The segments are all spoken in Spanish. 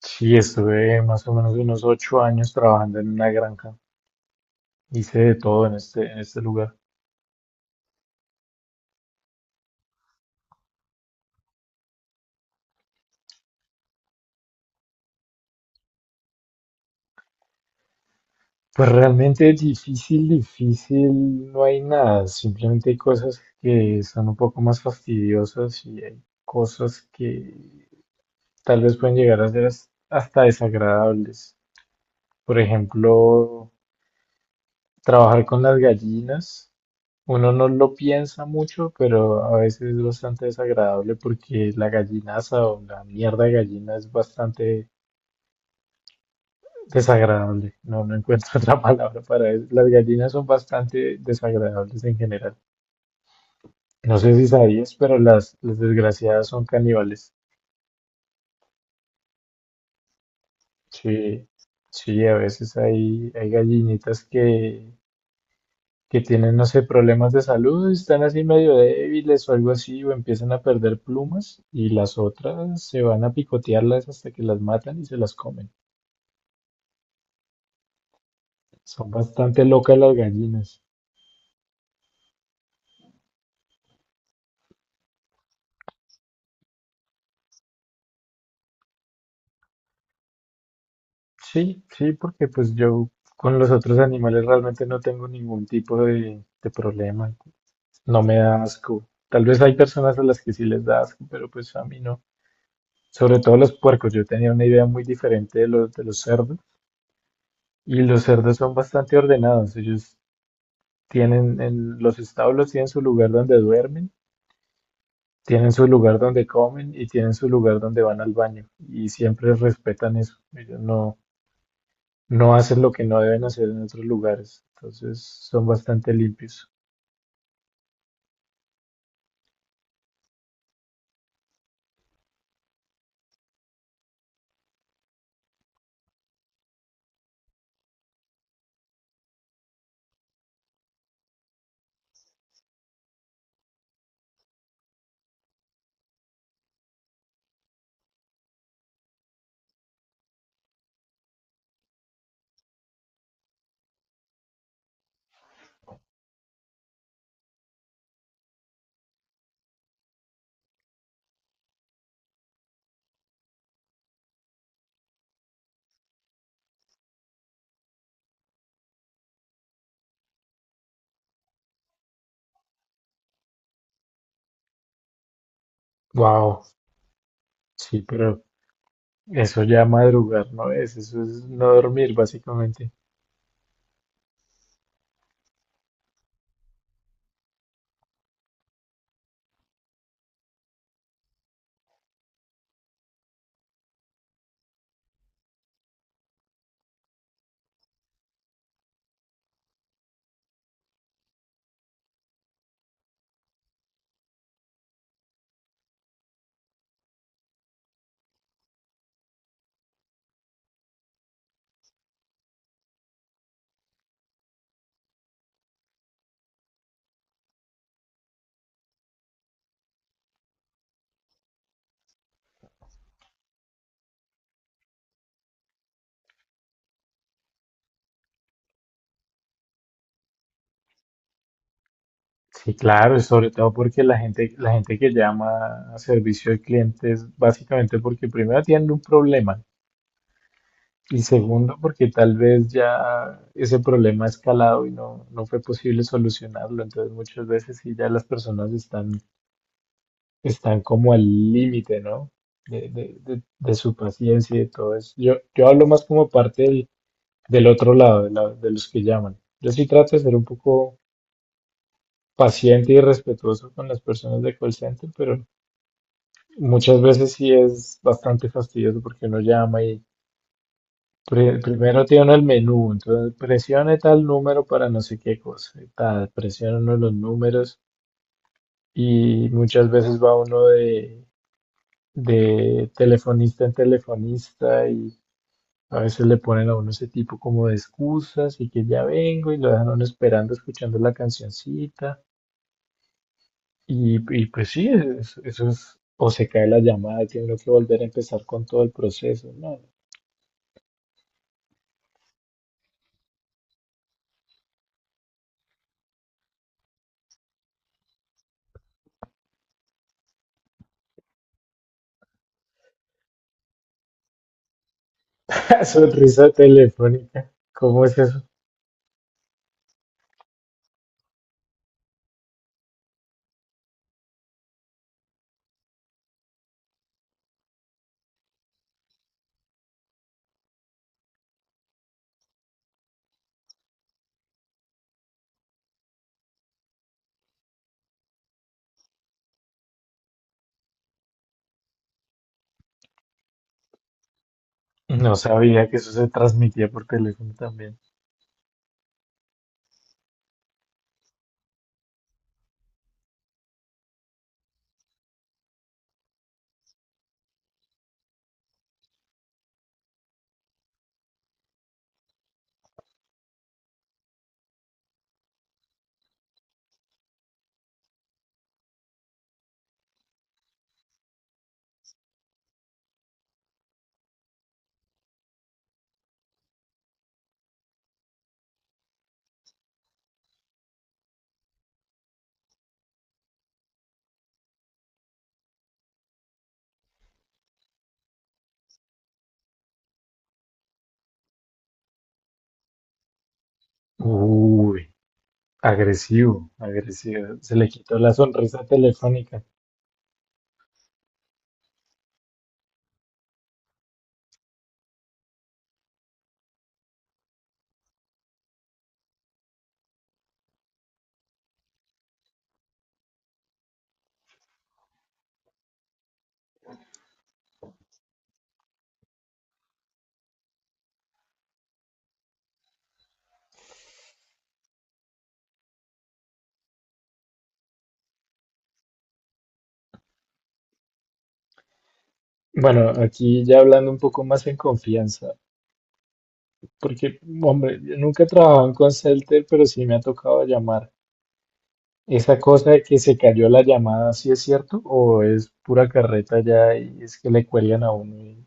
Sí, estuve más o menos unos 8 años trabajando en una granja. Hice de todo en este lugar. Pues realmente difícil, difícil, no hay nada. Simplemente hay cosas que son un poco más fastidiosas y hay cosas que tal vez pueden llegar a ser hasta desagradables. Por ejemplo, trabajar con las gallinas, uno no lo piensa mucho, pero a veces es bastante desagradable porque la gallinaza o la mierda de gallina es bastante desagradable. No, no encuentro otra palabra para eso. Las gallinas son bastante desagradables en general. No sé si sabías, pero las desgraciadas son caníbales. Sí, sí, a veces hay gallinitas que tienen, no sé, problemas de salud, están así medio débiles o algo así, o empiezan a perder plumas, y las otras se van a picotearlas hasta que las matan y se las comen. Son bastante locas las gallinas. Sí, sí, porque pues yo con los otros animales realmente no tengo ningún tipo de problema. No me da asco. Tal vez hay personas a las que sí les da asco, pero pues a mí no. Sobre todo los puercos. Yo tenía una idea muy diferente de los cerdos. Y los cerdos son bastante ordenados. Ellos Tienen en los establos tienen su lugar donde duermen, tienen su lugar donde comen y tienen su lugar donde van al baño. Y siempre respetan eso. Ellos no, no hacen lo que no deben hacer en otros lugares. Entonces son bastante limpios. Wow, sí, pero eso ya madrugar no es, eso es no dormir básicamente. Sí, claro, y sobre todo porque la gente que llama a servicio de clientes, básicamente porque primero tienen un problema. Y segundo, porque tal vez ya ese problema ha escalado y no, no fue posible solucionarlo. Entonces muchas veces sí ya las personas están, están como al límite, ¿no? De su paciencia y de todo eso. Yo hablo más como parte del otro lado, de, de los que llaman. Yo sí trato de ser un poco paciente y respetuoso con las personas de call center, pero muchas veces sí es bastante fastidioso porque uno llama. Primero tiene el menú, entonces presione tal número para no sé qué cosa, y tal, presiona uno de los números y muchas veces va uno de telefonista en telefonista y a veces le ponen a uno ese tipo como de excusas y que ya vengo y lo dejan a uno esperando escuchando la cancioncita y pues sí, eso es, o se cae la llamada y tiene uno que volver a empezar con todo el proceso, ¿no? Sonrisa telefónica, ¿cómo es eso? No sabía que eso se transmitía por teléfono también. Uy, agresivo, agresivo. Se le quitó la sonrisa telefónica. Bueno, aquí ya hablando un poco más en confianza, porque, hombre, yo nunca he trabajado en call center, pero sí me ha tocado llamar. Esa cosa de que se cayó la llamada, ¿sí es cierto? ¿O es pura carreta ya y es que le cuelgan a uno?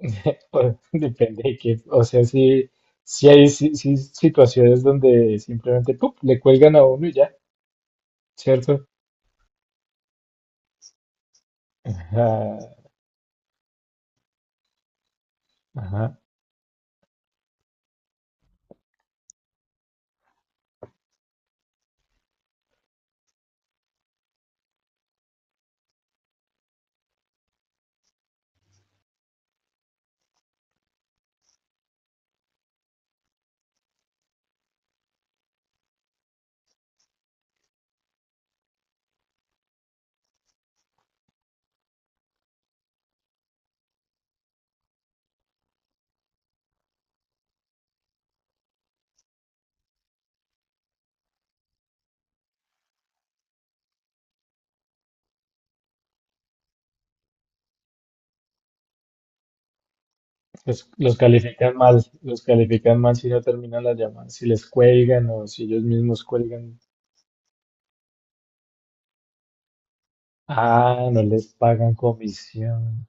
depende de qué. O sea, sí, sí hay si situaciones donde simplemente ¡pup! Le cuelgan a uno y ya. ¿Cierto? Ajá, ajá. Los califican mal, los califican mal si no terminan las llamadas, si les cuelgan o si ellos mismos cuelgan. Ah, no les pagan comisión.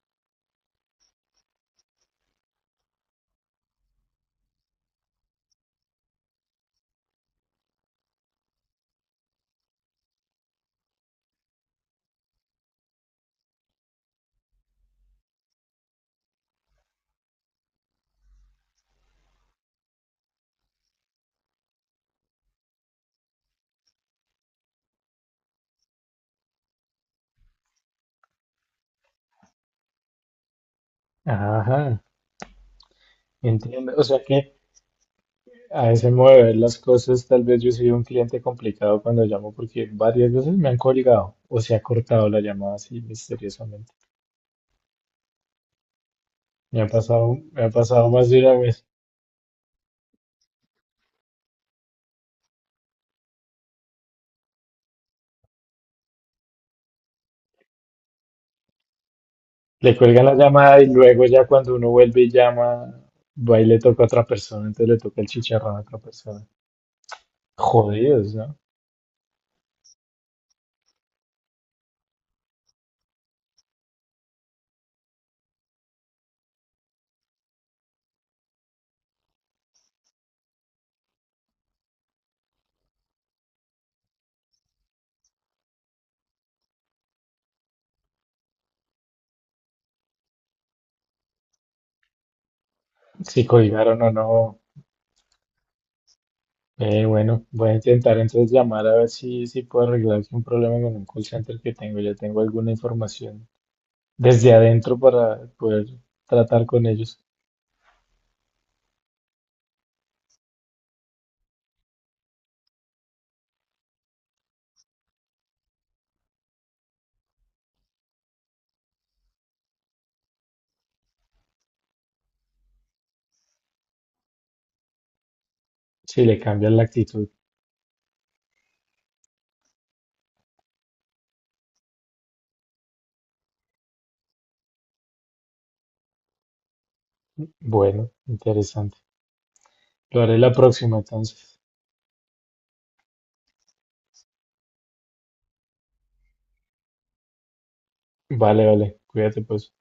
Ajá, entiendo. O sea que a ese modo de ver las cosas, tal vez yo soy un cliente complicado cuando llamo porque varias veces me han colgado o se ha cortado la llamada así misteriosamente. Me ha pasado más de una vez. Le cuelgan la llamada y luego ya cuando uno vuelve y llama, va y le toca a otra persona, entonces le toca el chicharrón a otra persona. Jodidos, ¿no? Si colgaron o no. Bueno, voy a intentar entonces llamar a ver si puedo arreglar un problema con un call center que tengo. Ya tengo alguna información desde adentro para poder tratar con ellos. Si le cambian la actitud. Bueno, interesante. Lo haré la próxima entonces. Vale, vale. Cuídate pues.